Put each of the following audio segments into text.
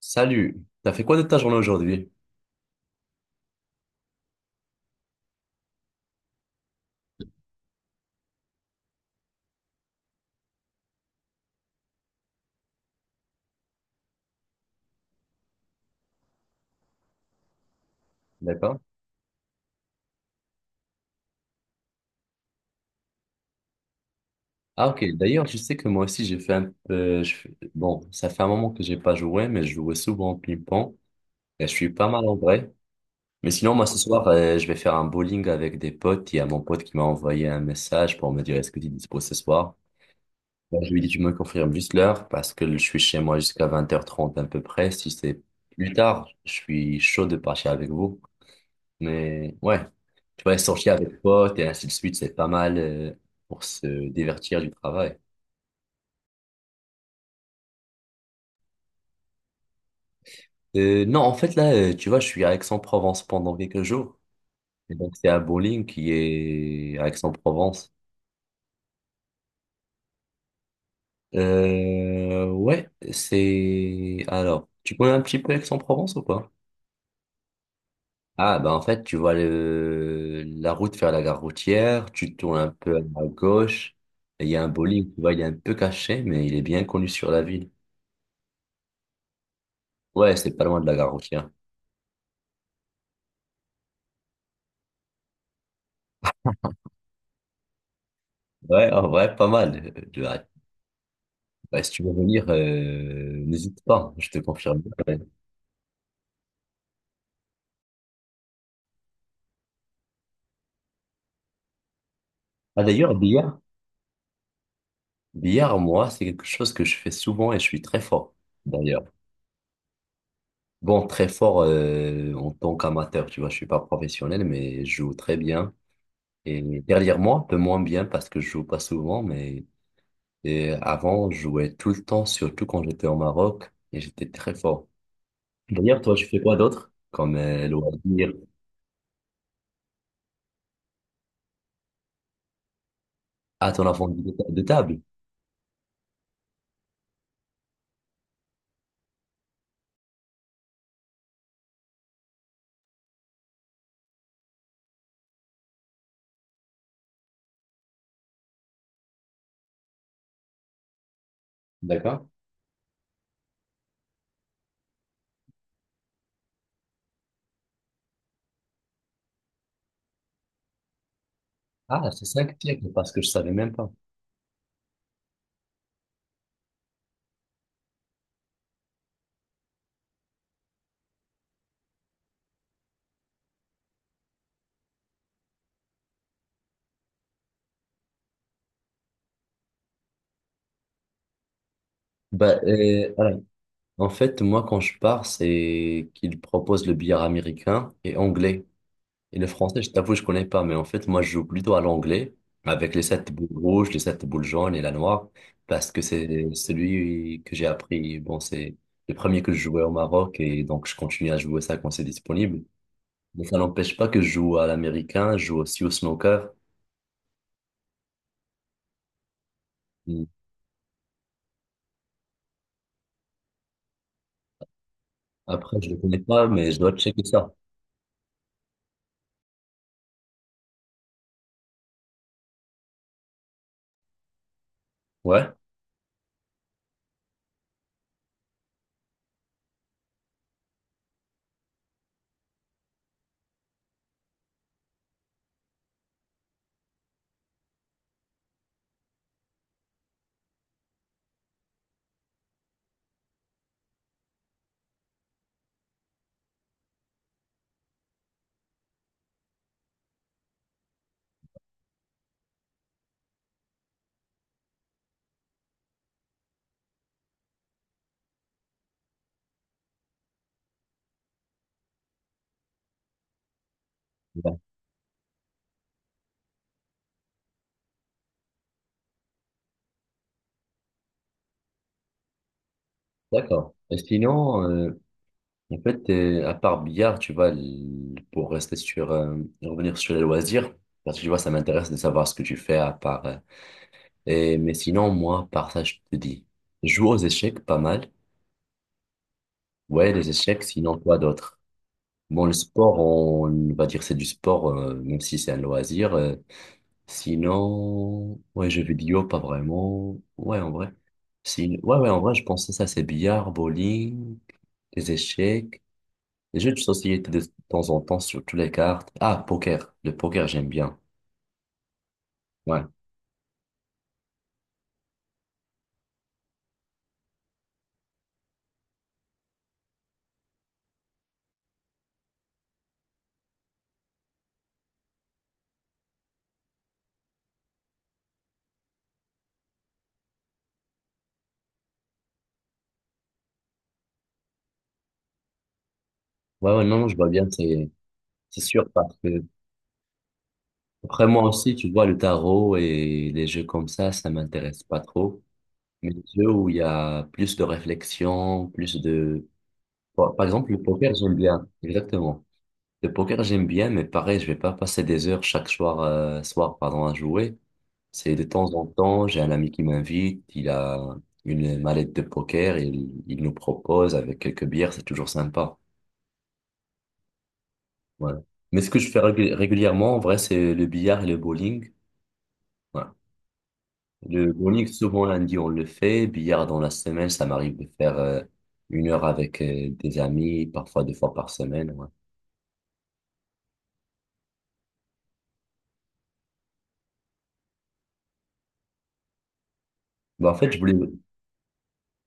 Salut, t'as fait quoi de ta journée aujourd'hui? D'accord. Ah ok, d'ailleurs je sais que moi aussi j'ai fait un peu... Bon, ça fait un moment que j'ai pas joué, mais je jouais souvent au ping-pong et je suis pas mal en vrai. Mais sinon moi ce soir je vais faire un bowling avec des potes. Il y a mon pote qui m'a envoyé un message pour me dire est-ce que tu es dispo ce soir? Moi, je lui ai dit tu me confirmes juste l'heure parce que je suis chez moi jusqu'à 20h30 à peu près. Si c'est plus tard, je suis chaud de partir avec vous. Mais ouais, tu vois, sortir avec potes et ainsi de suite, c'est pas mal pour se divertir du travail. Non, en fait, là, tu vois, je suis à Aix-en-Provence pendant quelques jours. Et donc, c'est à Bowling qui est à Aix-en-Provence. Ouais, c'est... Alors, tu connais un petit peu Aix-en-Provence ou pas? Ah, bah en fait, tu vois le... la route vers la gare routière, tu tournes un peu à gauche, et il y a un bowling, tu vois, il est un peu caché, mais il est bien connu sur la ville. Ouais, c'est pas loin de la gare routière. Ouais, en vrai, pas mal. Ouais. Bah, si tu veux venir, n'hésite pas, je te confirme. Ouais. Ah d'ailleurs, billard, moi, c'est quelque chose que je fais souvent et je suis très fort, d'ailleurs. Bon, très fort en tant qu'amateur, tu vois, je suis pas professionnel, mais je joue très bien. Et dernièrement, un peu moins bien parce que je joue pas souvent, mais et avant, je jouais tout le temps, surtout quand j'étais au Maroc, et j'étais très fort. D'ailleurs, toi, tu fais quoi d'autre? Comme loisir à ton avant de ta- de table. D'accord. Ah, c'est ça que tire, parce que je savais même pas. Voilà. En fait, moi, quand je pars, c'est qu'ils proposent le billard américain et anglais. Et le français, je t'avoue, je connais pas, mais en fait, moi, je joue plutôt à l'anglais, avec les 7 boules rouges, les 7 boules jaunes et la noire, parce que c'est celui que j'ai appris. Bon, c'est le premier que je jouais au Maroc, et donc je continue à jouer ça quand c'est disponible. Mais ça n'empêche pas que je joue à l'américain, je joue aussi au snooker. Après, je le connais pas, mais je dois checker ça. Ouais. D'accord. Et sinon, à part billard, tu vois, pour rester sur, revenir sur les loisirs, parce que tu vois, ça m'intéresse de savoir ce que tu fais à part. Et, mais sinon, moi, par ça, je te dis, je joue aux échecs pas mal. Ouais, les échecs, sinon quoi d'autre? Bon, le sport, on va dire c'est du sport, même si c'est un loisir. Sinon, ouais, jeux vidéo, pas vraiment. Ouais, en vrai. Ouais, ouais, en vrai, je pensais ça, c'est billard, bowling, les échecs. Les jeux de société de temps en temps, surtout les cartes. Ah, poker. Le poker, j'aime bien. Ouais. Ouais, ouais, non, je vois bien, c'est sûr, parce que après moi aussi, tu vois, le tarot et les jeux comme ça m'intéresse pas trop. Mais les jeux où il y a plus de réflexion, plus de... Par par exemple, le poker, j'aime bien. Exactement. Le poker, j'aime bien, mais pareil, je vais pas passer des heures chaque soir, soir, pardon, à jouer. C'est de temps en temps, j'ai un ami qui m'invite, il a une mallette de poker, et il nous propose avec quelques bières, c'est toujours sympa. Voilà. Mais ce que je fais régulièrement, en vrai, c'est le billard et le bowling. Voilà. Le bowling, souvent lundi, on le fait. Billard dans la semaine, ça m'arrive de faire 1 heure avec des amis, parfois deux fois par semaine. Ouais. Bah, en fait, je voulais...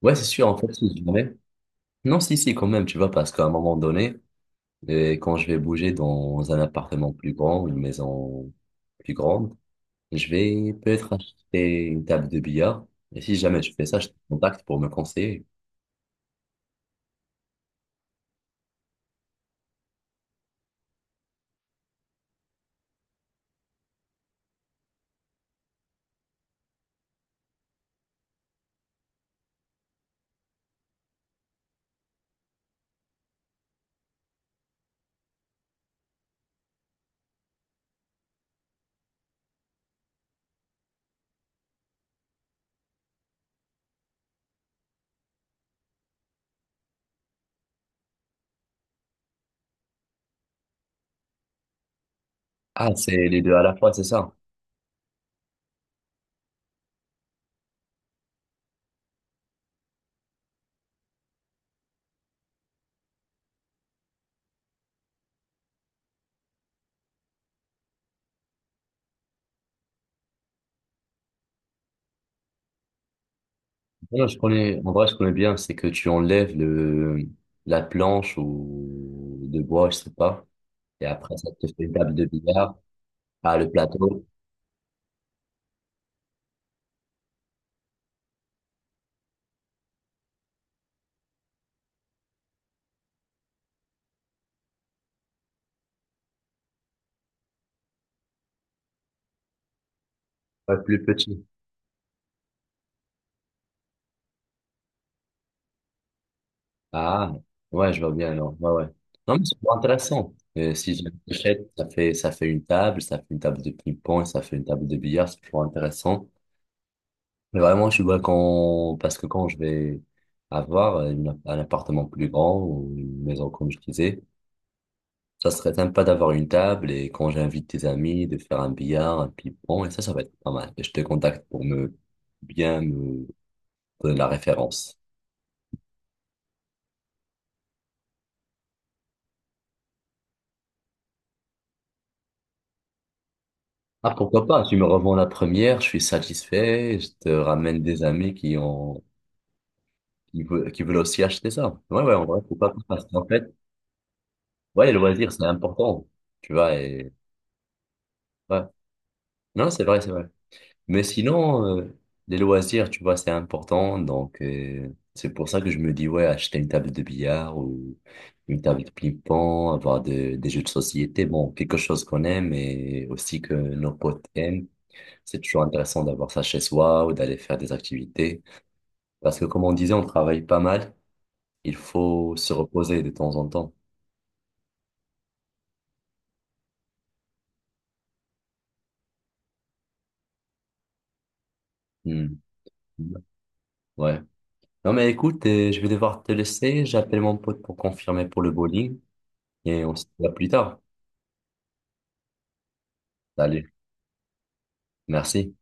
Ouais, c'est sûr, en fait, si jamais... Non, si, si, quand même, tu vois, parce qu'à un moment donné... Et quand je vais bouger dans un appartement plus grand, une maison plus grande, je vais peut-être acheter une table de billard. Et si jamais je fais ça, je te contacte pour me conseiller. Ah, c'est les deux à la fois, c'est ça. Non, je connais, en vrai, je connais bien, c'est que tu enlèves le, la planche ou de bois, je sais pas. Et après, ça te fait une table de billard. Ah, le plateau, ouais, plus petit. Ah, ouais, je vois bien alors. Ouais, ouais. Non, mais c'est pas intéressant. Si je l'achète, ça fait une table, ça fait une table de ping-pong, ça fait une table de billard, c'est toujours intéressant. Mais vraiment, je vois quand, parce que quand je vais avoir un appartement plus grand ou une maison, comme je disais, ça serait sympa d'avoir une table et quand j'invite tes amis, de faire un billard, un ping-pong, et ça va être pas mal. Et je te contacte pour me bien me donner la référence. Ah, pourquoi pas? Tu me revends la première, je suis satisfait, je te ramène des amis qui veulent aussi acheter ça. Ouais, ouais, en vrai, faut pas, parce qu'en fait, ouais, les loisirs, c'est important, tu vois, et, ouais. Non, c'est vrai, c'est vrai. Mais sinon, les loisirs, tu vois, c'est important, donc, c'est pour ça que je me dis, ouais, acheter une table de billard ou une table de ping-pong, avoir des jeux de société, bon, quelque chose qu'on aime et aussi que nos potes aiment. C'est toujours intéressant d'avoir ça chez soi ou d'aller faire des activités. Parce que comme on disait, on travaille pas mal. Il faut se reposer de temps en temps. Hmm. Ouais. Non mais écoute, je vais devoir te laisser. J'appelle mon pote pour confirmer pour le bowling et on se voit plus tard. Salut. Merci.